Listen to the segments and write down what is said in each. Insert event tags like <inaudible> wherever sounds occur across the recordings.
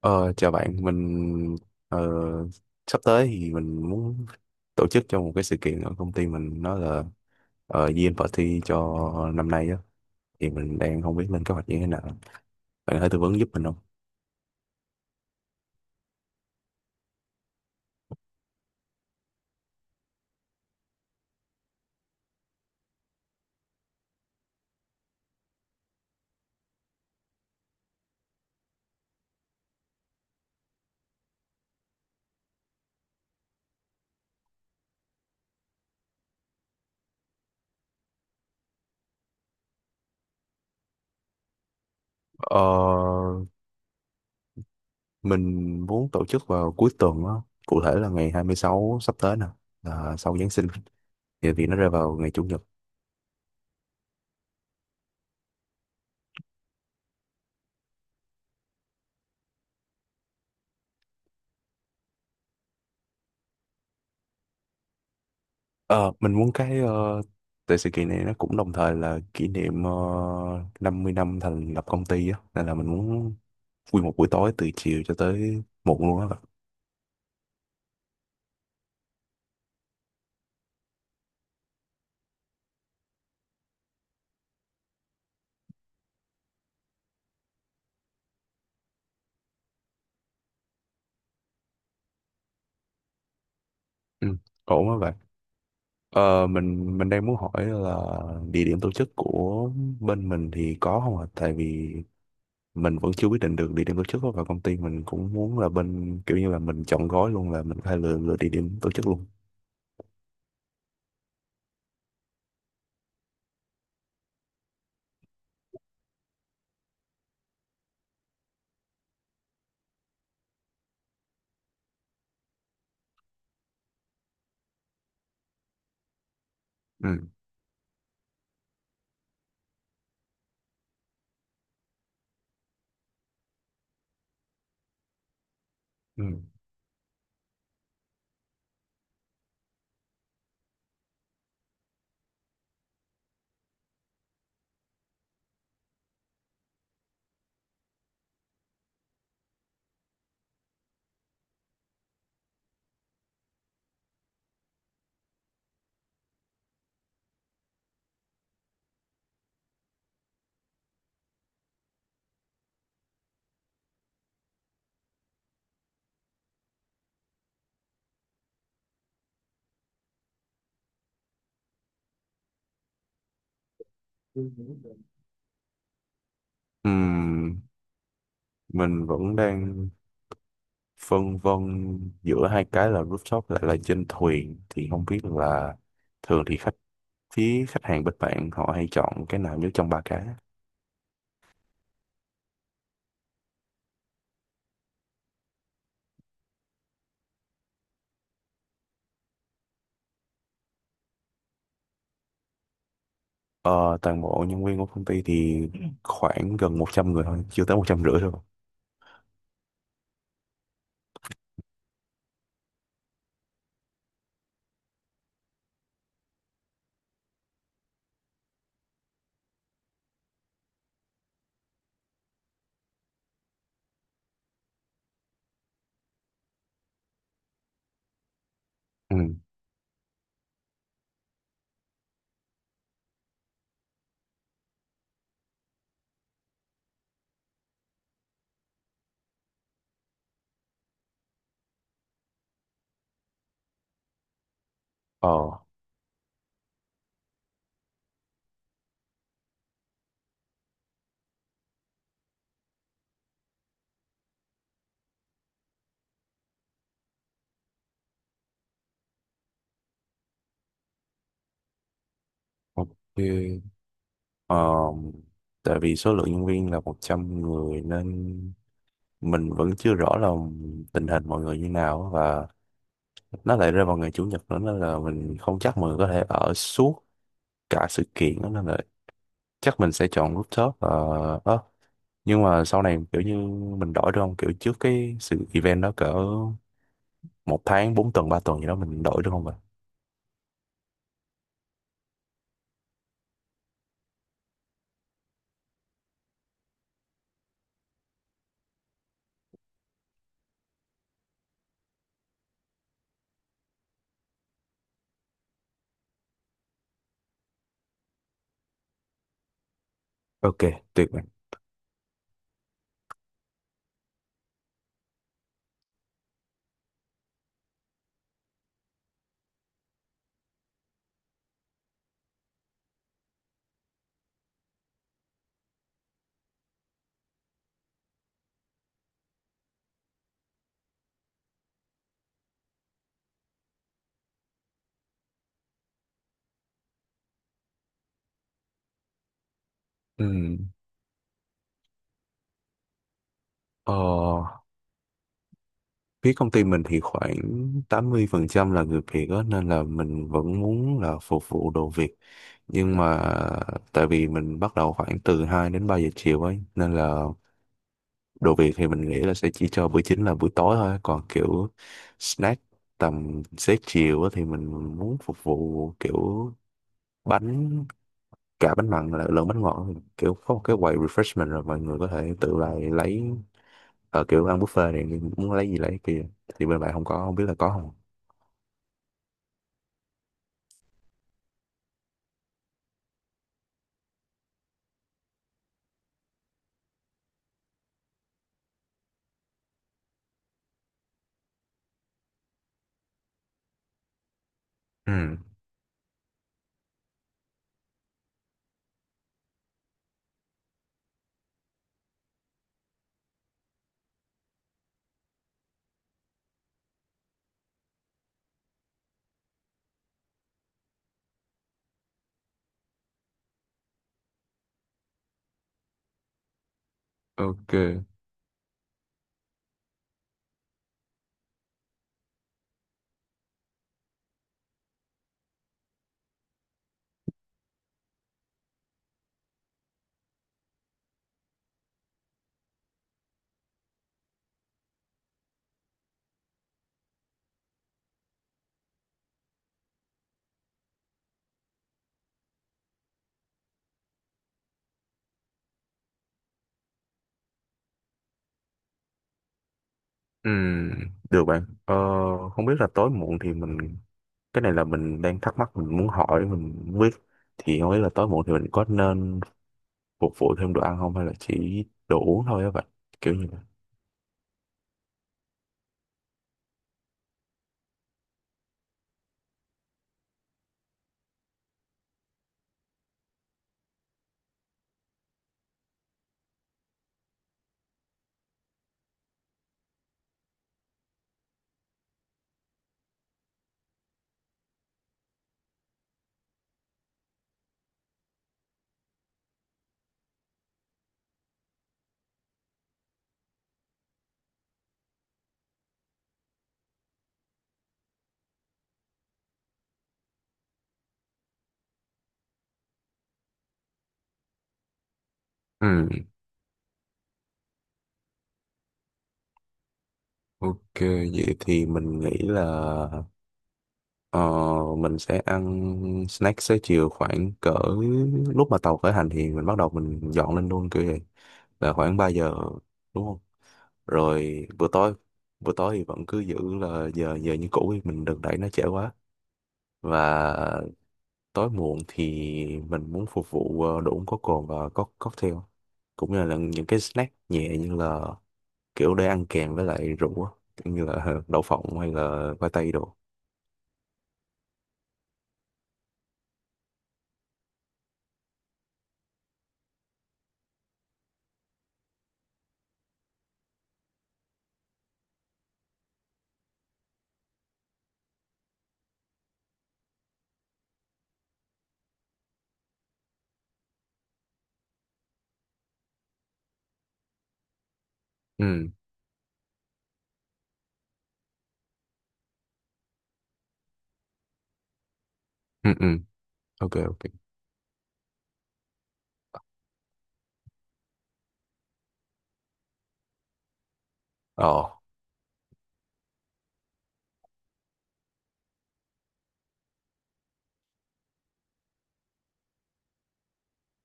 Ờ, Chào bạn, mình ờ, sắp tới thì mình muốn tổ chức cho một cái sự kiện ở công ty mình, nó là Year End Party cho năm nay á, thì mình đang không biết lên kế hoạch như thế nào. Bạn có thể tư vấn giúp mình không? Ờ, mình muốn tổ chức vào cuối tuần á, cụ thể là ngày 26 sắp tới nè, là sau Giáng sinh thì, nó rơi vào ngày Chủ nhật. Ờ, mình muốn cái tại sự kiện này nó cũng đồng thời là kỷ niệm 50 năm thành lập công ty á, nên là mình muốn nguyên một buổi tối từ chiều cho tới muộn luôn á bạn. Ừ, ổn á bạn. Mình đang muốn hỏi là địa điểm tổ chức của bên mình thì có không ạ, tại vì mình vẫn chưa quyết định được địa điểm tổ chức á, và công ty mình cũng muốn là bên kiểu như là mình chọn gói luôn, là mình phải lựa lựa địa điểm tổ chức luôn. Ừ. Ừ. Ừm, mình vẫn đang phân vân giữa hai cái là rooftop lại là trên thuyền, thì không biết là thường thì khách, phía khách hàng bên bạn họ hay chọn cái nào nhất trong ba cái. Ờ, Toàn bộ nhân viên của công ty thì khoảng gần 100 người thôi, chưa tới 150 thôi. Ừ. Ờ. OK. ờ, Tại vì số lượng nhân viên là 100 người nên mình vẫn chưa rõ là tình hình mọi người như nào, và nó lại rơi vào ngày chủ nhật nữa nên là mình không chắc mọi người có thể ở suốt cả sự kiện đó, nên là chắc mình sẽ chọn rooftop á. Nhưng mà sau này kiểu như mình đổi được không, kiểu trước cái sự event đó cỡ một tháng, 4 tuần, 3 tuần gì đó, mình đổi được không vậy? OK, tuyệt vời. Ừm, ờ, Phía công ty mình thì khoảng 80% là người Việt á, nên là mình vẫn muốn là phục vụ đồ Việt. Nhưng mà tại vì mình bắt đầu khoảng từ 2 đến 3 giờ chiều ấy, nên là đồ Việt thì mình nghĩ là sẽ chỉ cho bữa chính là buổi tối thôi, còn kiểu snack tầm xế chiều á thì mình muốn phục vụ kiểu bánh, cả bánh mặn là lẫn bánh ngọt, kiểu có một cái quầy refreshment rồi mọi người có thể tự lại lấy, ở kiểu ăn buffet này muốn lấy gì lấy kia, thì bên bạn không có không biết là có không. Ừ. OK. Ừ, được bạn. Ờ, Không biết là tối muộn thì mình, cái này là mình đang thắc mắc mình muốn hỏi mình muốn biết, thì không biết là tối muộn thì mình có nên phục vụ thêm đồ ăn không, hay là chỉ đồ uống thôi á vậy, kiểu như vậy. Ừ. OK. Vậy thì mình nghĩ là ờ, mình sẽ ăn snack xế chiều khoảng cỡ lúc mà tàu khởi hành thì mình bắt đầu mình dọn lên luôn kiểu vậy, là khoảng 3 giờ đúng không? Rồi bữa tối, bữa tối thì vẫn cứ giữ là giờ giờ như cũ đi, mình đừng đẩy nó trễ quá. Và tối muộn thì mình muốn phục vụ đồ uống có cồn và có cocktail, cũng như là những cái snack nhẹ, như là kiểu để ăn kèm với lại rượu á, kiểu như là <laughs> đậu phộng hay là khoai tây đồ. ừ ừ, OK, OK. ờ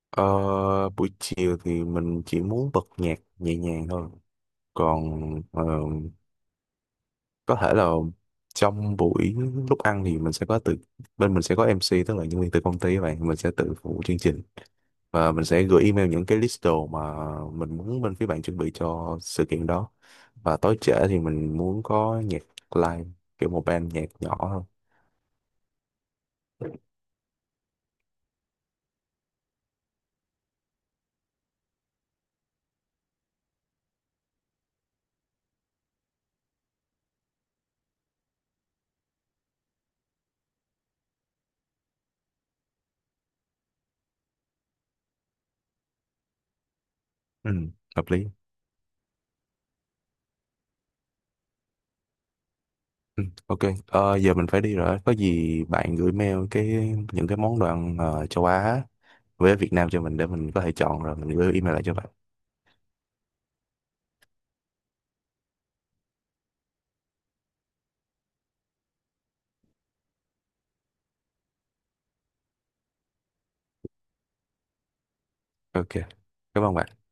ờ, Buổi chiều thì mình chỉ muốn bật nhạc nhẹ nhàng thôi, còn ờ, có thể là trong buổi lúc ăn thì mình sẽ có từ, bên mình sẽ có MC, tức là nhân viên từ công ty, các bạn mình sẽ tự phụ chương trình, và mình sẽ gửi email những cái list đồ mà mình muốn bên phía bạn chuẩn bị cho sự kiện đó. Và tối trễ thì mình muốn có nhạc live, kiểu một band nhạc nhỏ thôi. Ừ, hợp lý. Ừ, OK. Ờ, giờ mình phải đi rồi. Có gì bạn gửi mail cái những cái món đồ ăn châu Á với Việt Nam cho mình để mình có thể chọn rồi mình gửi email lại cho bạn. OK, cảm ơn bạn.